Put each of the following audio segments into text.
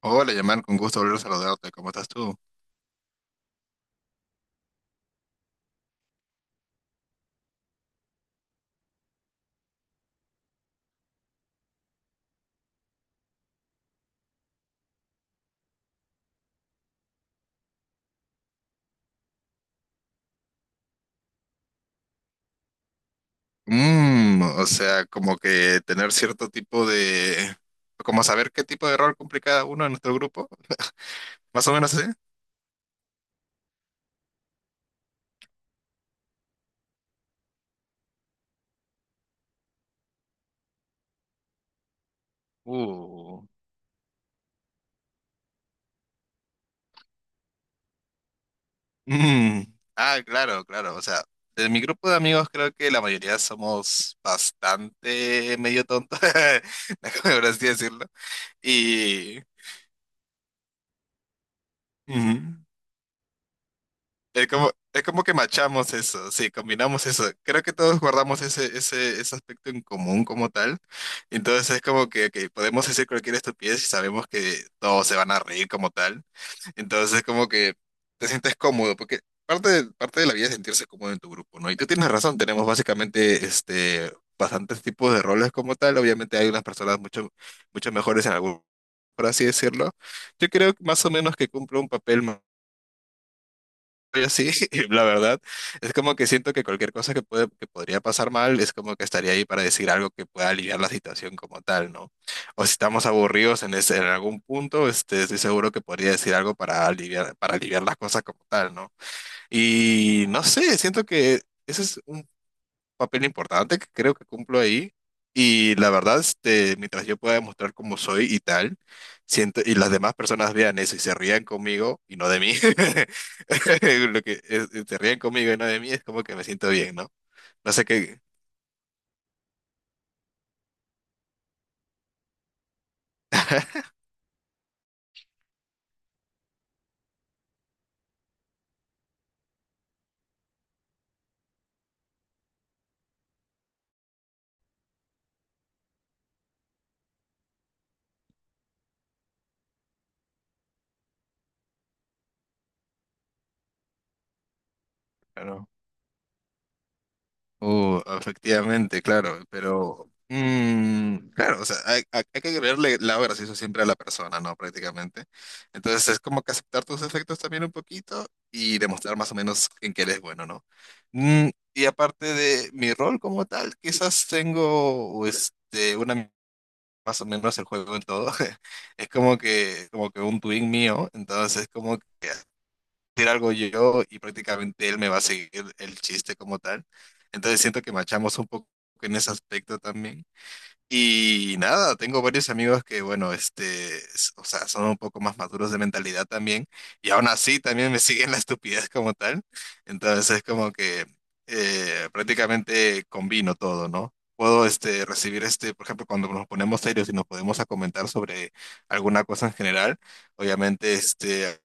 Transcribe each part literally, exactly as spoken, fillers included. Hola, llamar con gusto volver a saludarte. ¿Cómo estás tú? Mm, o sea, como que tener cierto tipo de... Como saber qué tipo de rol cumple cada uno en nuestro grupo. Más o menos así. Uh, Mm, ah, claro, claro. O sea, de mi grupo de amigos creo que la mayoría somos bastante medio tontos, como por así decirlo. Y... Ujú. Es como, es como que machamos eso, sí, combinamos eso. Creo que todos guardamos ese, ese, ese aspecto en común como tal. Entonces es como que, que podemos decir cualquier estupidez y sabemos que todos se van a reír como tal. Entonces es como que te sientes cómodo, porque parte de, parte de la vida es sentirse cómodo en tu grupo, ¿no? Y tú tienes razón, tenemos básicamente este, bastantes tipos de roles como tal. Obviamente hay unas personas mucho, mucho mejores en algún, por así decirlo. Yo creo que más o menos que cumple un papel. Yo sí, la verdad, es como que siento que cualquier cosa que puede, que podría pasar mal, es como que estaría ahí para decir algo que pueda aliviar la situación como tal, ¿no? O si estamos aburridos en ese, en algún punto, este, estoy seguro que podría decir algo para aliviar, para aliviar las cosas como tal, ¿no? Y no sé, siento que eso es papel importante que creo que cumplo ahí. Y la verdad, este, mientras yo pueda demostrar cómo soy y tal, siento, y las demás personas vean eso y se rían conmigo y no de mí, lo que es- se rían conmigo y no de mí es como que me siento bien, ¿no? No sé qué. Claro. Uh, efectivamente, claro, pero mm, claro, o sea, hay, hay- hay que creerle lado gracioso siempre a la persona, ¿no? Prácticamente. Entonces es como que aceptar tus defectos también un poquito y demostrar más o menos en qué eres bueno, ¿no? Mm, y aparte de mi rol como tal, quizás tengo este, una más o menos el juego en todo. Es como que, como que un twin mío, entonces como decir algo yo y prácticamente él me va a seguir el chiste como tal. Entonces siento que machamos un poco en ese aspecto también. Y nada, tengo varios amigos que, bueno, este, s- o sea, son un poco más maduros de mentalidad también, y aún así también me siguen la estupidez como tal. Entonces es como que eh, prácticamente combino todo, ¿no? Puedo este, recibir, este, por ejemplo, cuando nos ponemos serios y nos podemos a comentar sobre alguna cosa en general, obviamente este,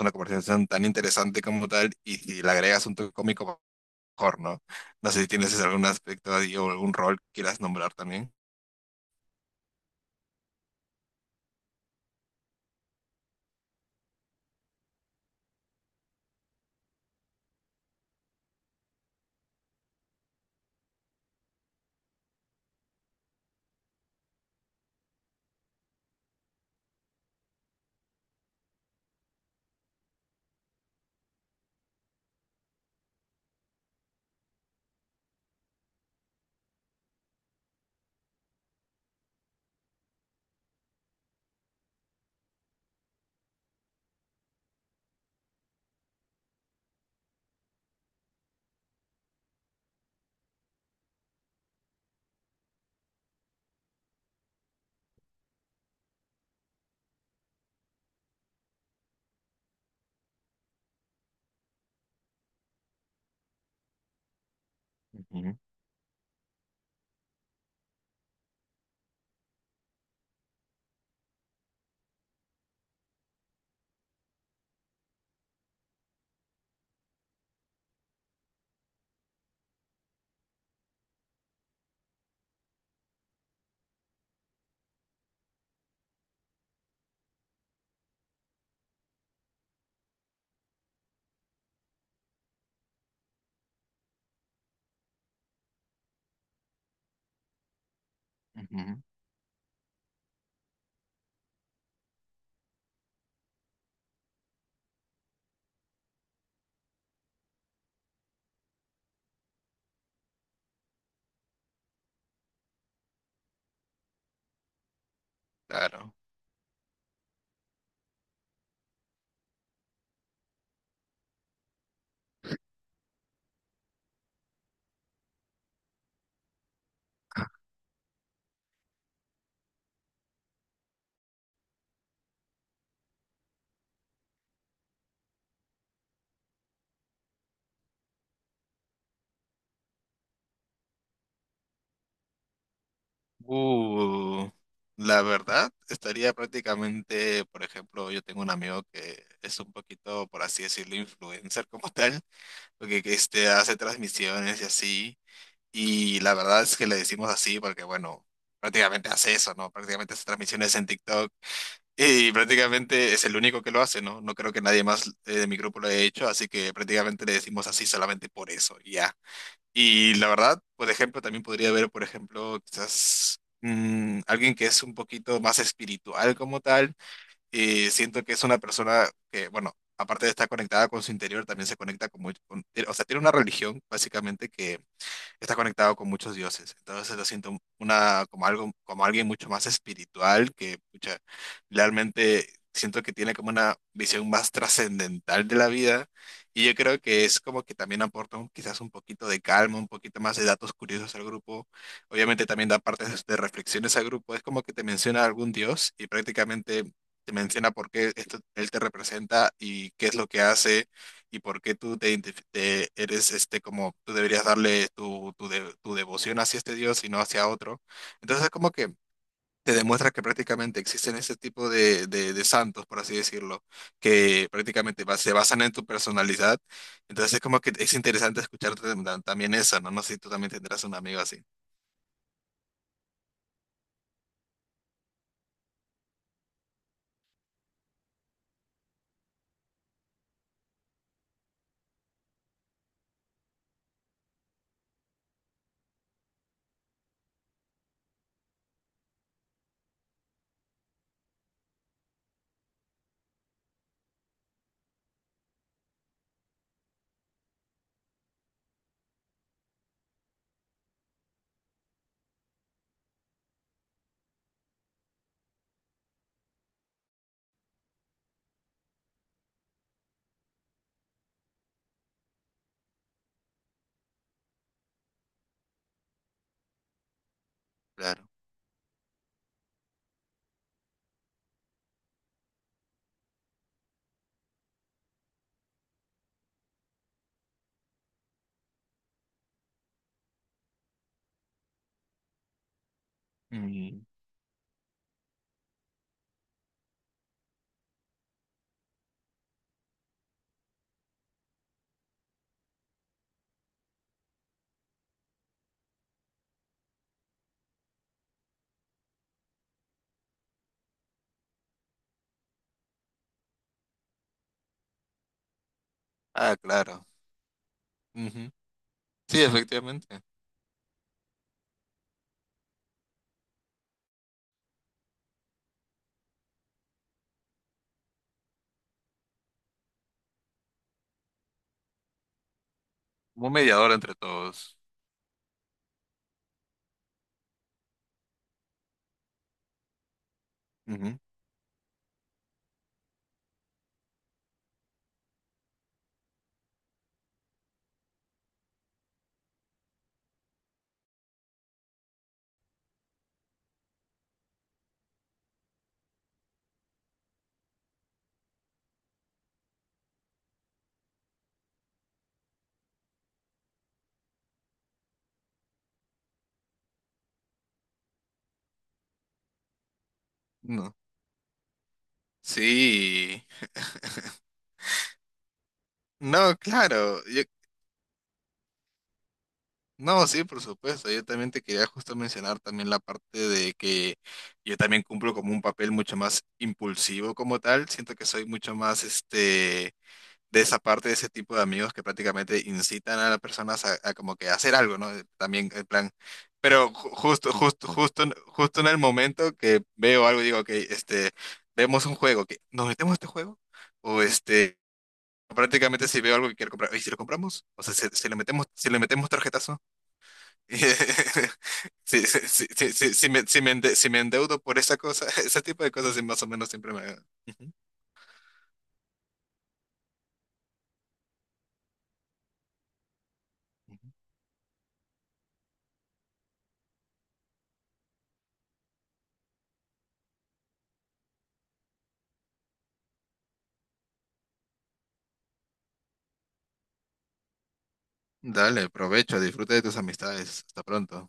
una conversación tan interesante como tal y si le agregas un toque cómico, mejor, ¿no? No sé si tienes algún aspecto ahí o algún rol que quieras nombrar también. Ujú, ujú. Claro. Uh, la verdad, estaría prácticamente, por ejemplo, yo tengo un amigo que es un poquito, por así decirlo, influencer como tal, porque que este, hace transmisiones y así, y la verdad es que le decimos así porque, bueno, prácticamente hace eso, ¿no? Prácticamente hace transmisiones en TikTok. Y prácticamente es el único que lo hace, ¿no? No creo que nadie más eh, de mi grupo lo haya hecho, así que prácticamente le decimos así solamente por eso, y ya. Y la verdad, por ejemplo, también podría haber, por ejemplo, quizás mm, alguien que es un poquito más espiritual como tal. Y siento que es una persona que, bueno, aparte de estar conectada con su interior, también se conecta con, muy- con- o sea, tiene una religión básicamente que está conectado con muchos dioses. Entonces lo siento una, como algo, como alguien mucho más espiritual que, pucha, realmente siento que tiene como una visión más trascendental de la vida. Y yo creo que es como que también aporta un- quizás un poquito de calma, un poquito más de datos curiosos al grupo. Obviamente también da partes de reflexiones al grupo. Es como que te menciona algún dios y prácticamente te menciona por qué esto- él te representa y qué es lo que hace y por qué tú te, identif- te- eres este como tú deberías darle tu, tu, de- tu devoción hacia este Dios y no hacia otro. Entonces es como que te demuestra que prácticamente existen ese tipo de, de, de santos, por así decirlo, que prácticamente va- se basan en tu personalidad. Entonces es como que es interesante escucharte tam- tam- también eso, ¿no? No sé si tú también tendrás un amigo así. Claro. Mm. Ah, claro. Ujú. Sí, efectivamente. Como un mediador entre todos. Ujú. No. Sí. No, claro. Yo, no, sí, por supuesto. Yo también te quería justo mencionar también la parte de que yo también cumplo como un papel mucho más impulsivo como tal. Siento que soy mucho más este de esa parte de ese tipo de amigos que prácticamente incitan a las personas a, a como que hacer algo, ¿no? También en plan, pero ju- justo, justo, justo, en- justo en el momento que veo algo digo, que este, vemos un juego, que nos metemos a este juego o este. Prácticamente si veo algo que quiero comprar, ¿y si lo compramos? O sea, si, si le metemos, si le metemos tarjetazo. Sí, sí, sí, sí, sí, sí me, sí me ende- sí me endeudo por esa cosa, ese tipo de cosas sí, más o menos siempre me... Ujú, ujú. Dale, provecho, disfruta de tus amistades. Hasta pronto.